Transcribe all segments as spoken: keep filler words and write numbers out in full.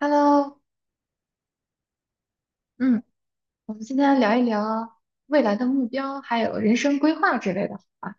Hello，嗯，我们今天聊一聊未来的目标，还有人生规划之类的。啊。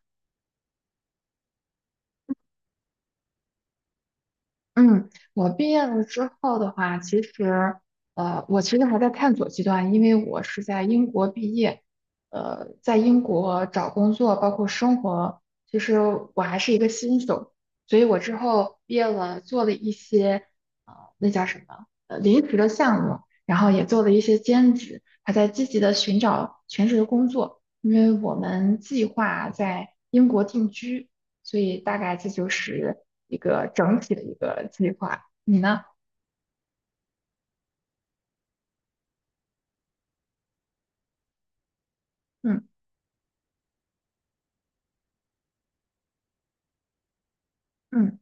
嗯，我毕业了之后的话，其实，呃，我其实还在探索阶段，因为我是在英国毕业，呃，在英国找工作，包括生活，其实我还是一个新手，所以我之后毕业了，做了一些，呃，那叫什么，呃，临时的项目，然后也做了一些兼职，还在积极的寻找全职的工作，因为我们计划在英国定居。所以大概这就是一个整体的一个计划。你呢？嗯嗯，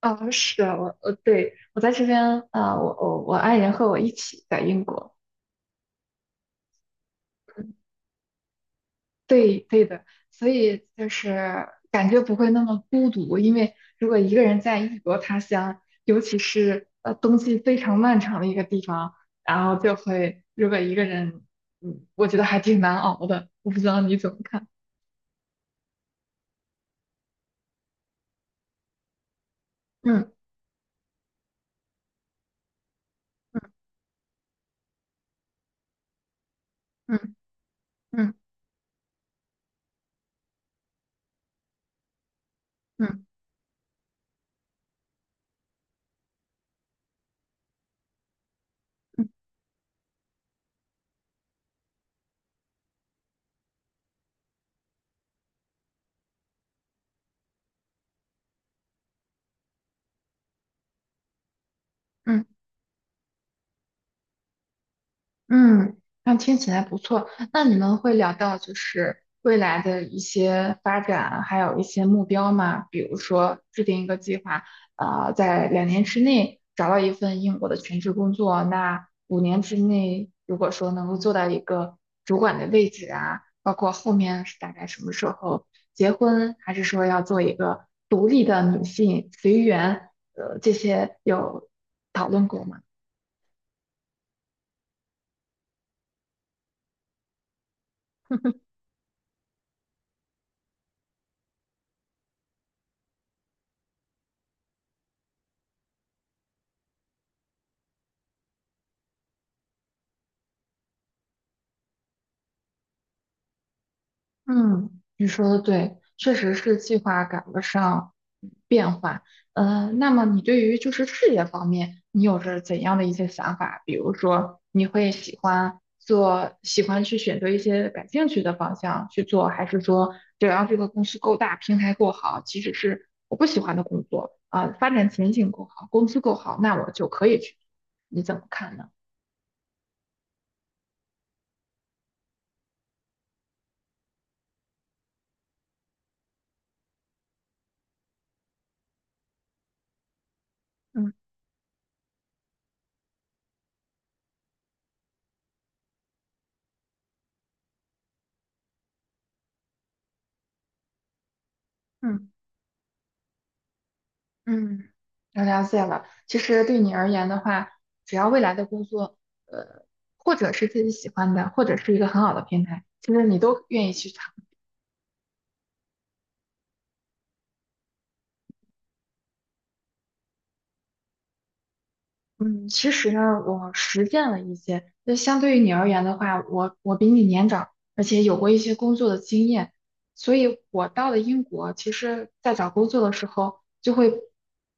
哦，是我我呃对，我在这边啊、呃我我我爱人和我一起在英国。嗯对对的，所以就是感觉不会那么孤独，因为如果一个人在异国他乡，尤其是呃冬季非常漫长的一个地方，然后就会如果一个人，嗯，我觉得还挺难熬的。我不知道你怎么看？嗯嗯嗯嗯嗯嗯。嗯，那听起来不错。那你们会聊到就是未来的一些发展，还有一些目标吗？比如说制定一个计划，呃，在两年之内找到一份英国的全职工作，那五年之内如果说能够做到一个主管的位置啊，包括后面是大概什么时候结婚，还是说要做一个独立的女性随缘，呃，这些有讨论过吗？嗯，你说的对，确实是计划赶不上变化。呃，那么你对于就是事业方面，你有着怎样的一些想法？比如说，你会喜欢做，喜欢去选择一些感兴趣的方向去做，还是说只要这个公司够大，平台够好，即使是我不喜欢的工作啊，发展前景够好，工资够好，那我就可以去做。你怎么看呢？嗯嗯。嗯，我了解了。其实对你而言的话，只要未来的工作，呃，或者是自己喜欢的，或者是一个很好的平台，其实你都愿意去尝嗯，其实呢，我实践了一些。就相对于你而言的话，我我比你年长，而且有过一些工作的经验，所以我到了英国，其实在找工作的时候，就会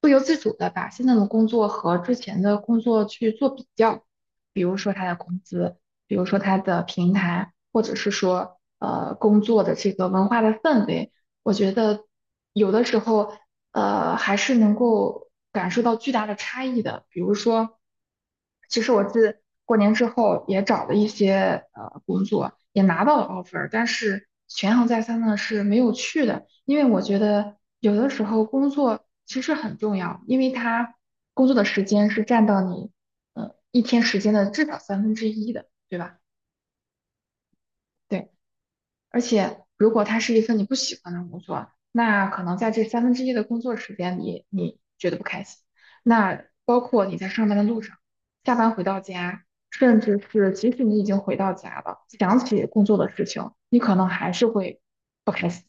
不由自主的把现在的工作和之前的工作去做比较，比如说它的工资，比如说它的平台，或者是说呃工作的这个文化的氛围。我觉得有的时候，呃，还是能够感受到巨大的差异的。比如说，其实我自过年之后也找了一些呃工作，也拿到了 offer，但是权衡再三呢是没有去的，因为我觉得有的时候工作其实很重要，因为它工作的时间是占到你呃一天时间的至少三分之一的，对吧？对。而且，如果它是一份你不喜欢的工作，那可能在这三分之一的工作时间里，你觉得不开心。那包括你在上班的路上、下班回到家，甚至是即使你已经回到家了，想起工作的事情，你可能还是会不开心。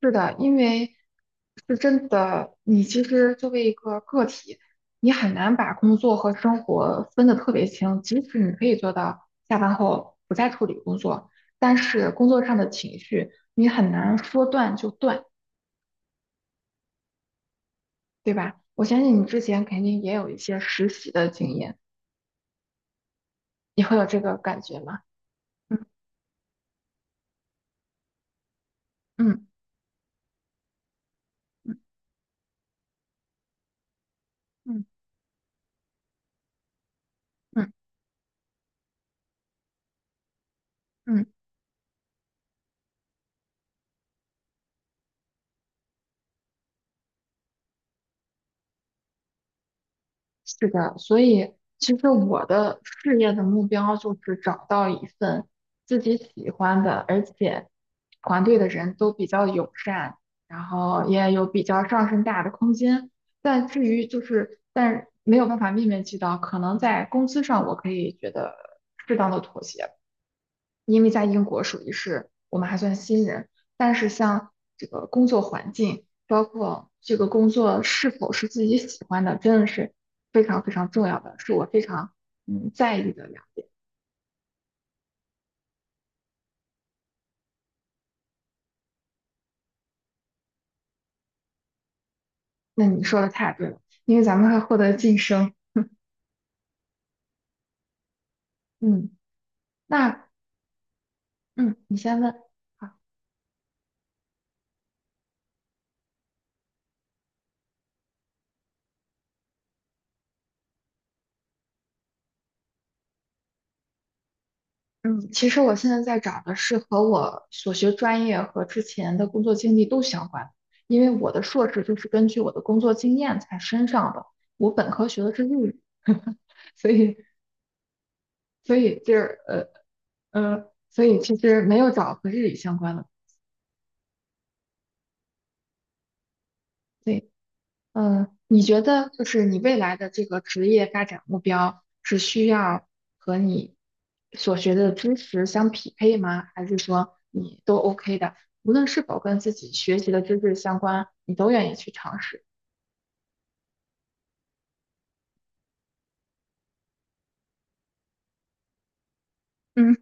是的，因为是真的，你其实作为一个个体，你很难把工作和生活分得特别清。即使你可以做到下班后不再处理工作，但是工作上的情绪你很难说断就断，对吧？我相信你之前肯定也有一些实习的经验，你会有这个感觉吗？嗯嗯嗯嗯。嗯嗯。是的，所以其实我的事业的目标就是找到一份自己喜欢的，而且团队的人都比较友善，然后也有比较上升大的空间。但至于就是，但没有办法面面俱到，可能在工资上我可以觉得适当的妥协吧。因为在英国属于是我们还算新人，但是像这个工作环境，包括这个工作是否是自己喜欢的，真的是非常非常重要的，是我非常嗯在意的呀。那你说的太对了，因为咱们会获得晋升。嗯，那嗯，你先问。好嗯，其实我现在在找的是和我所学专业和之前的工作经历都相关的因为我的硕士就是根据我的工作经验才升上的，我本科学的是日语，所以所以就是呃呃所以其实没有找和日语相关的，对，嗯，你觉得就是你未来的这个职业发展目标是需要和你所学的知识相匹配吗？还是说你都 OK 的，无论是否跟自己学习的知识相关，你都愿意去尝试？嗯。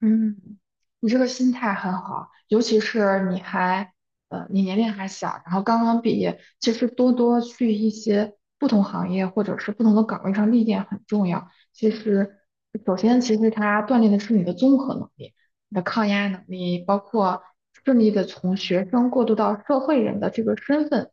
嗯，你这个心态很好，尤其是你还，呃，你年龄还小，然后刚刚毕业，其实多多去一些不同行业或者是不同的岗位上历练很重要。其实，首先其实它锻炼的是你的综合能力、你的抗压能力，包括顺利的从学生过渡到社会人的这个身份，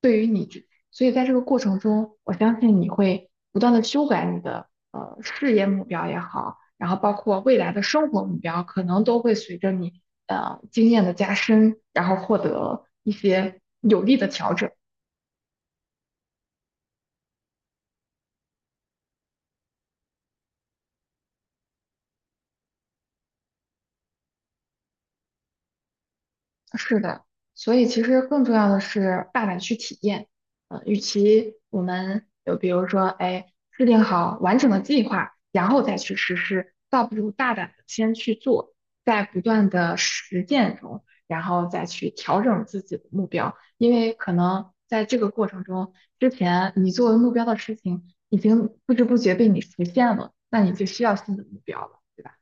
对于你这，所以在这个过程中，我相信你会不断的修改你的呃事业目标也好，然后包括未来的生活目标，可能都会随着你呃经验的加深，然后获得一些有力的调整。是的，所以其实更重要的是大胆去体验。呃，与其我们就比如说，哎，制定好完整的计划，然后再去实施，倒不如大胆的先去做，在不断的实践中，然后再去调整自己的目标。因为可能在这个过程中，之前你作为目标的事情已经不知不觉被你实现了，那你就需要新的目标了，对吧？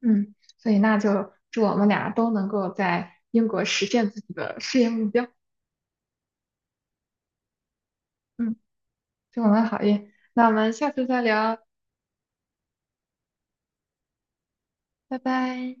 嗯，所以那就祝我们俩都能够在英国实现自己的事业目标。嗯，祝我们好运。那我们下次再聊，拜拜。